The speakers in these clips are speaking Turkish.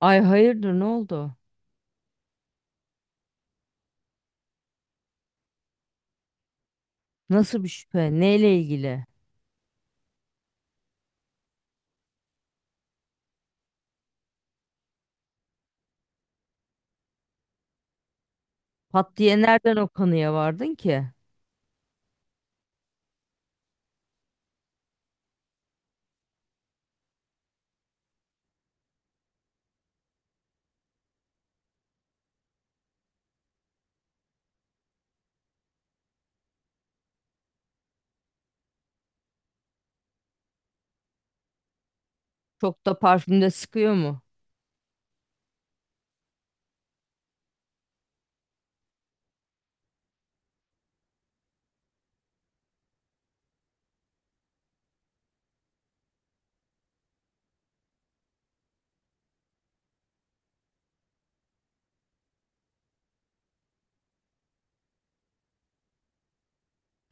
Ay, hayırdır, ne oldu? Nasıl bir şüphe? Neyle ilgili? Pat diye nereden o kanıya vardın ki? Çok da parfümde sıkıyor mu?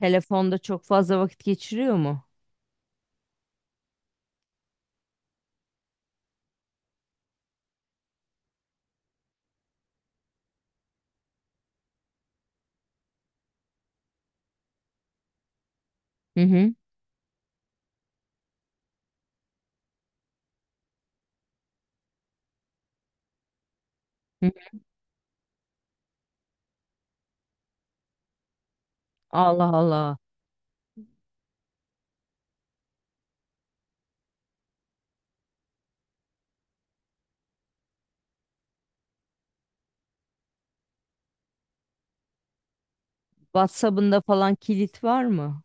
Telefonda çok fazla vakit geçiriyor mu? Hı hı. Hı hı. Allah Allah. WhatsApp'ında falan kilit var mı?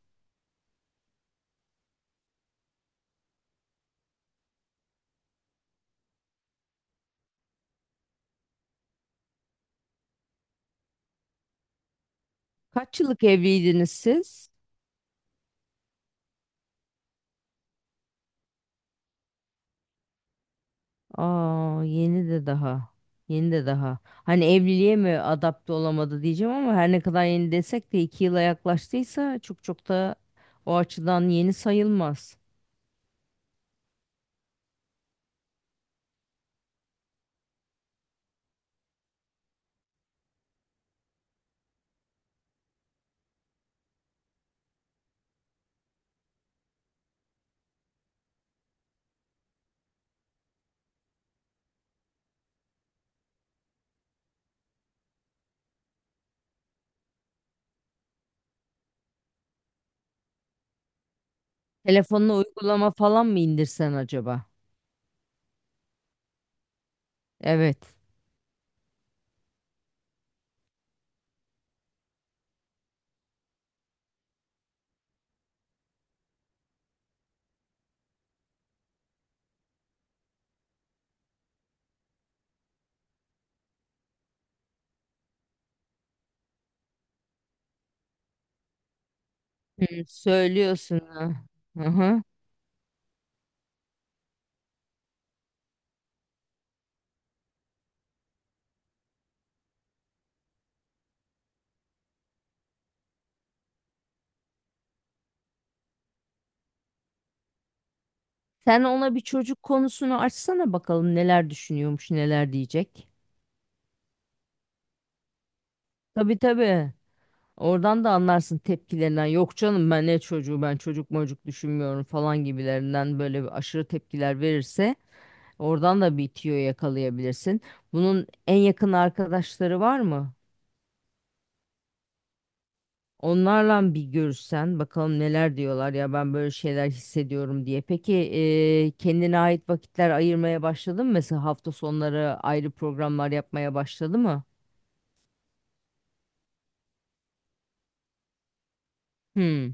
Kaç yıllık evliydiniz siz? Aa, yeni de daha. Yeni de daha. Hani evliliğe mi adapte olamadı diyeceğim ama her ne kadar yeni desek de iki yıla yaklaştıysa çok çok da o açıdan yeni sayılmaz. Telefonuna uygulama falan mı indirsen acaba? Evet. Hı, söylüyorsun ha. Hı-hı. Sen ona bir çocuk konusunu açsana bakalım neler düşünüyormuş, neler diyecek. Tabii tabii. Oradan da anlarsın tepkilerinden. Yok canım, ben ne çocuğu, ben çocuk mocuk düşünmüyorum falan gibilerinden böyle bir aşırı tepkiler verirse oradan da bir tüyo yakalayabilirsin. Bunun en yakın arkadaşları var mı? Onlarla bir görüşsen bakalım neler diyorlar, ya ben böyle şeyler hissediyorum diye. Peki kendine ait vakitler ayırmaya başladın mı? Mesela hafta sonları ayrı programlar yapmaya başladı mı? Hmm.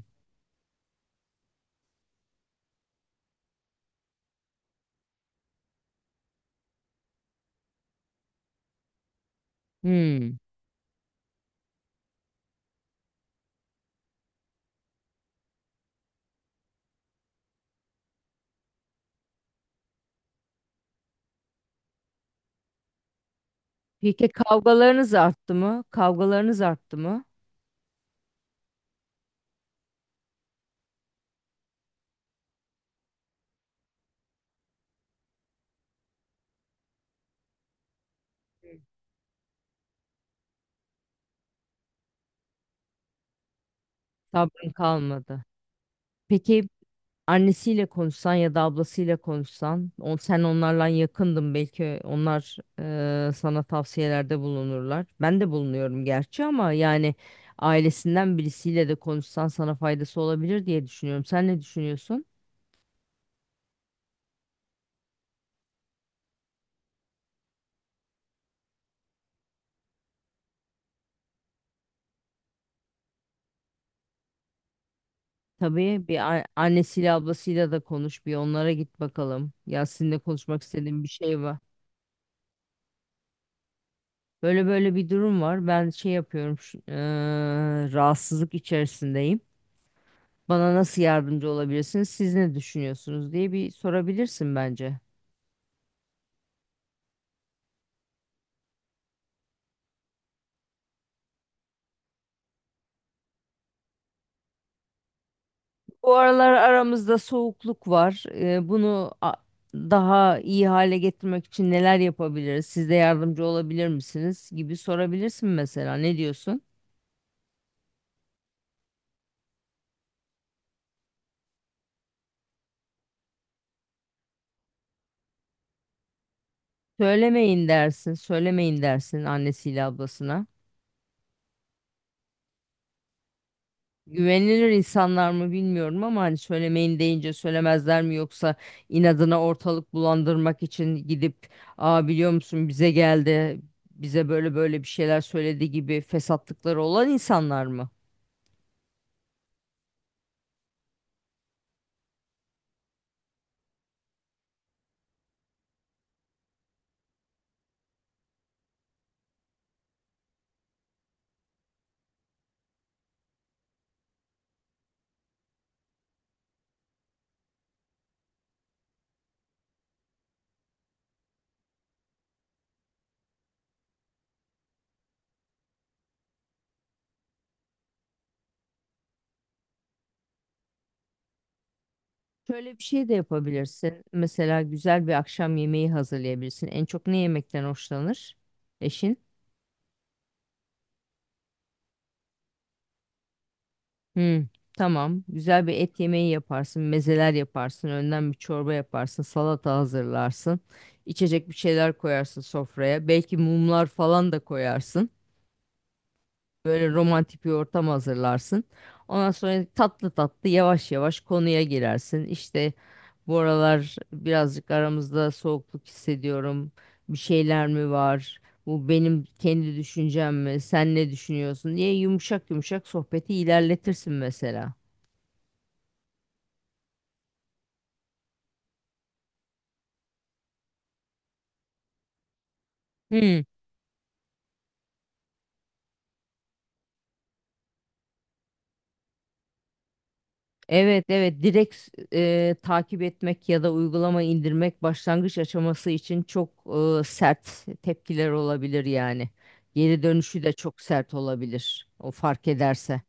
Hmm. Peki kavgalarınız arttı mı? Kavgalarınız arttı mı? Sabrın kalmadı. Peki annesiyle konuşsan ya da ablasıyla konuşsan, sen onlarla yakındın, belki onlar sana tavsiyelerde bulunurlar. Ben de bulunuyorum gerçi ama yani ailesinden birisiyle de konuşsan sana faydası olabilir diye düşünüyorum. Sen ne düşünüyorsun? Tabii, annesiyle ablasıyla da konuş, bir onlara git bakalım. Ya sizinle konuşmak istediğim bir şey var. Böyle böyle bir durum var. Ben şey yapıyorum, rahatsızlık içerisindeyim. Bana nasıl yardımcı olabilirsiniz? Siz ne düşünüyorsunuz diye bir sorabilirsin bence. Bu aralar aramızda soğukluk var. Bunu daha iyi hale getirmek için neler yapabiliriz? Siz de yardımcı olabilir misiniz, gibi sorabilirsin mesela. Ne diyorsun? Söylemeyin dersin, söylemeyin dersin annesiyle ablasına. Güvenilir insanlar mı, bilmiyorum ama hani söylemeyin deyince söylemezler mi, yoksa inadına ortalık bulandırmak için gidip "aa, biliyor musun, bize geldi, bize böyle böyle bir şeyler söyledi" gibi fesatlıkları olan insanlar mı? Şöyle bir şey de yapabilirsin. Mesela güzel bir akşam yemeği hazırlayabilirsin. En çok ne yemekten hoşlanır eşin? Hmm, tamam. Güzel bir et yemeği yaparsın, mezeler yaparsın, önden bir çorba yaparsın, salata hazırlarsın. İçecek bir şeyler koyarsın sofraya. Belki mumlar falan da koyarsın. Böyle romantik bir ortam hazırlarsın. Ondan sonra tatlı tatlı, yavaş yavaş konuya girersin. İşte bu aralar birazcık aramızda soğukluk hissediyorum. Bir şeyler mi var? Bu benim kendi düşüncem mi? Sen ne düşünüyorsun diye yumuşak yumuşak sohbeti ilerletirsin mesela. Hmm. Evet, evet, direkt takip etmek ya da uygulama indirmek başlangıç aşaması için çok sert tepkiler olabilir yani. Geri dönüşü de çok sert olabilir o fark ederse.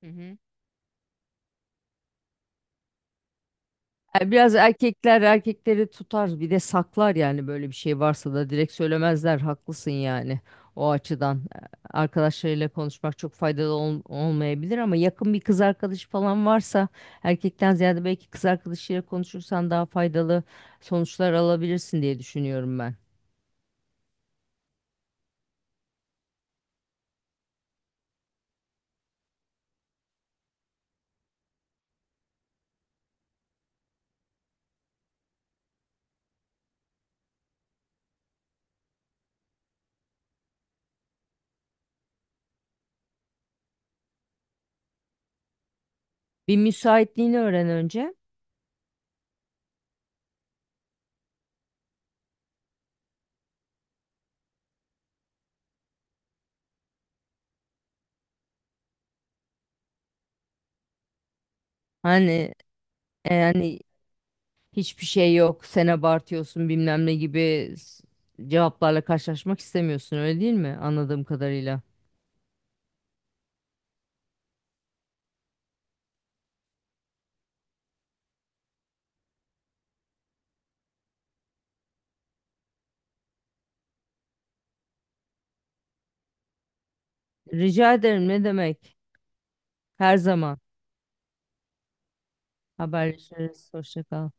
Hı hı. Yani biraz erkekler erkekleri tutar, bir de saklar, yani böyle bir şey varsa da direkt söylemezler, haklısın yani. O açıdan arkadaşlarıyla konuşmak çok faydalı olmayabilir ama yakın bir kız arkadaşı falan varsa, erkekten ziyade belki kız arkadaşıyla konuşursan daha faydalı sonuçlar alabilirsin diye düşünüyorum ben. Bir müsaitliğini öğren önce. Hani yani hiçbir şey yok, sen abartıyorsun, bilmem ne gibi cevaplarla karşılaşmak istemiyorsun, öyle değil mi, anladığım kadarıyla. Rica ederim, ne demek? Her zaman haberleşiriz. Hoşça kal.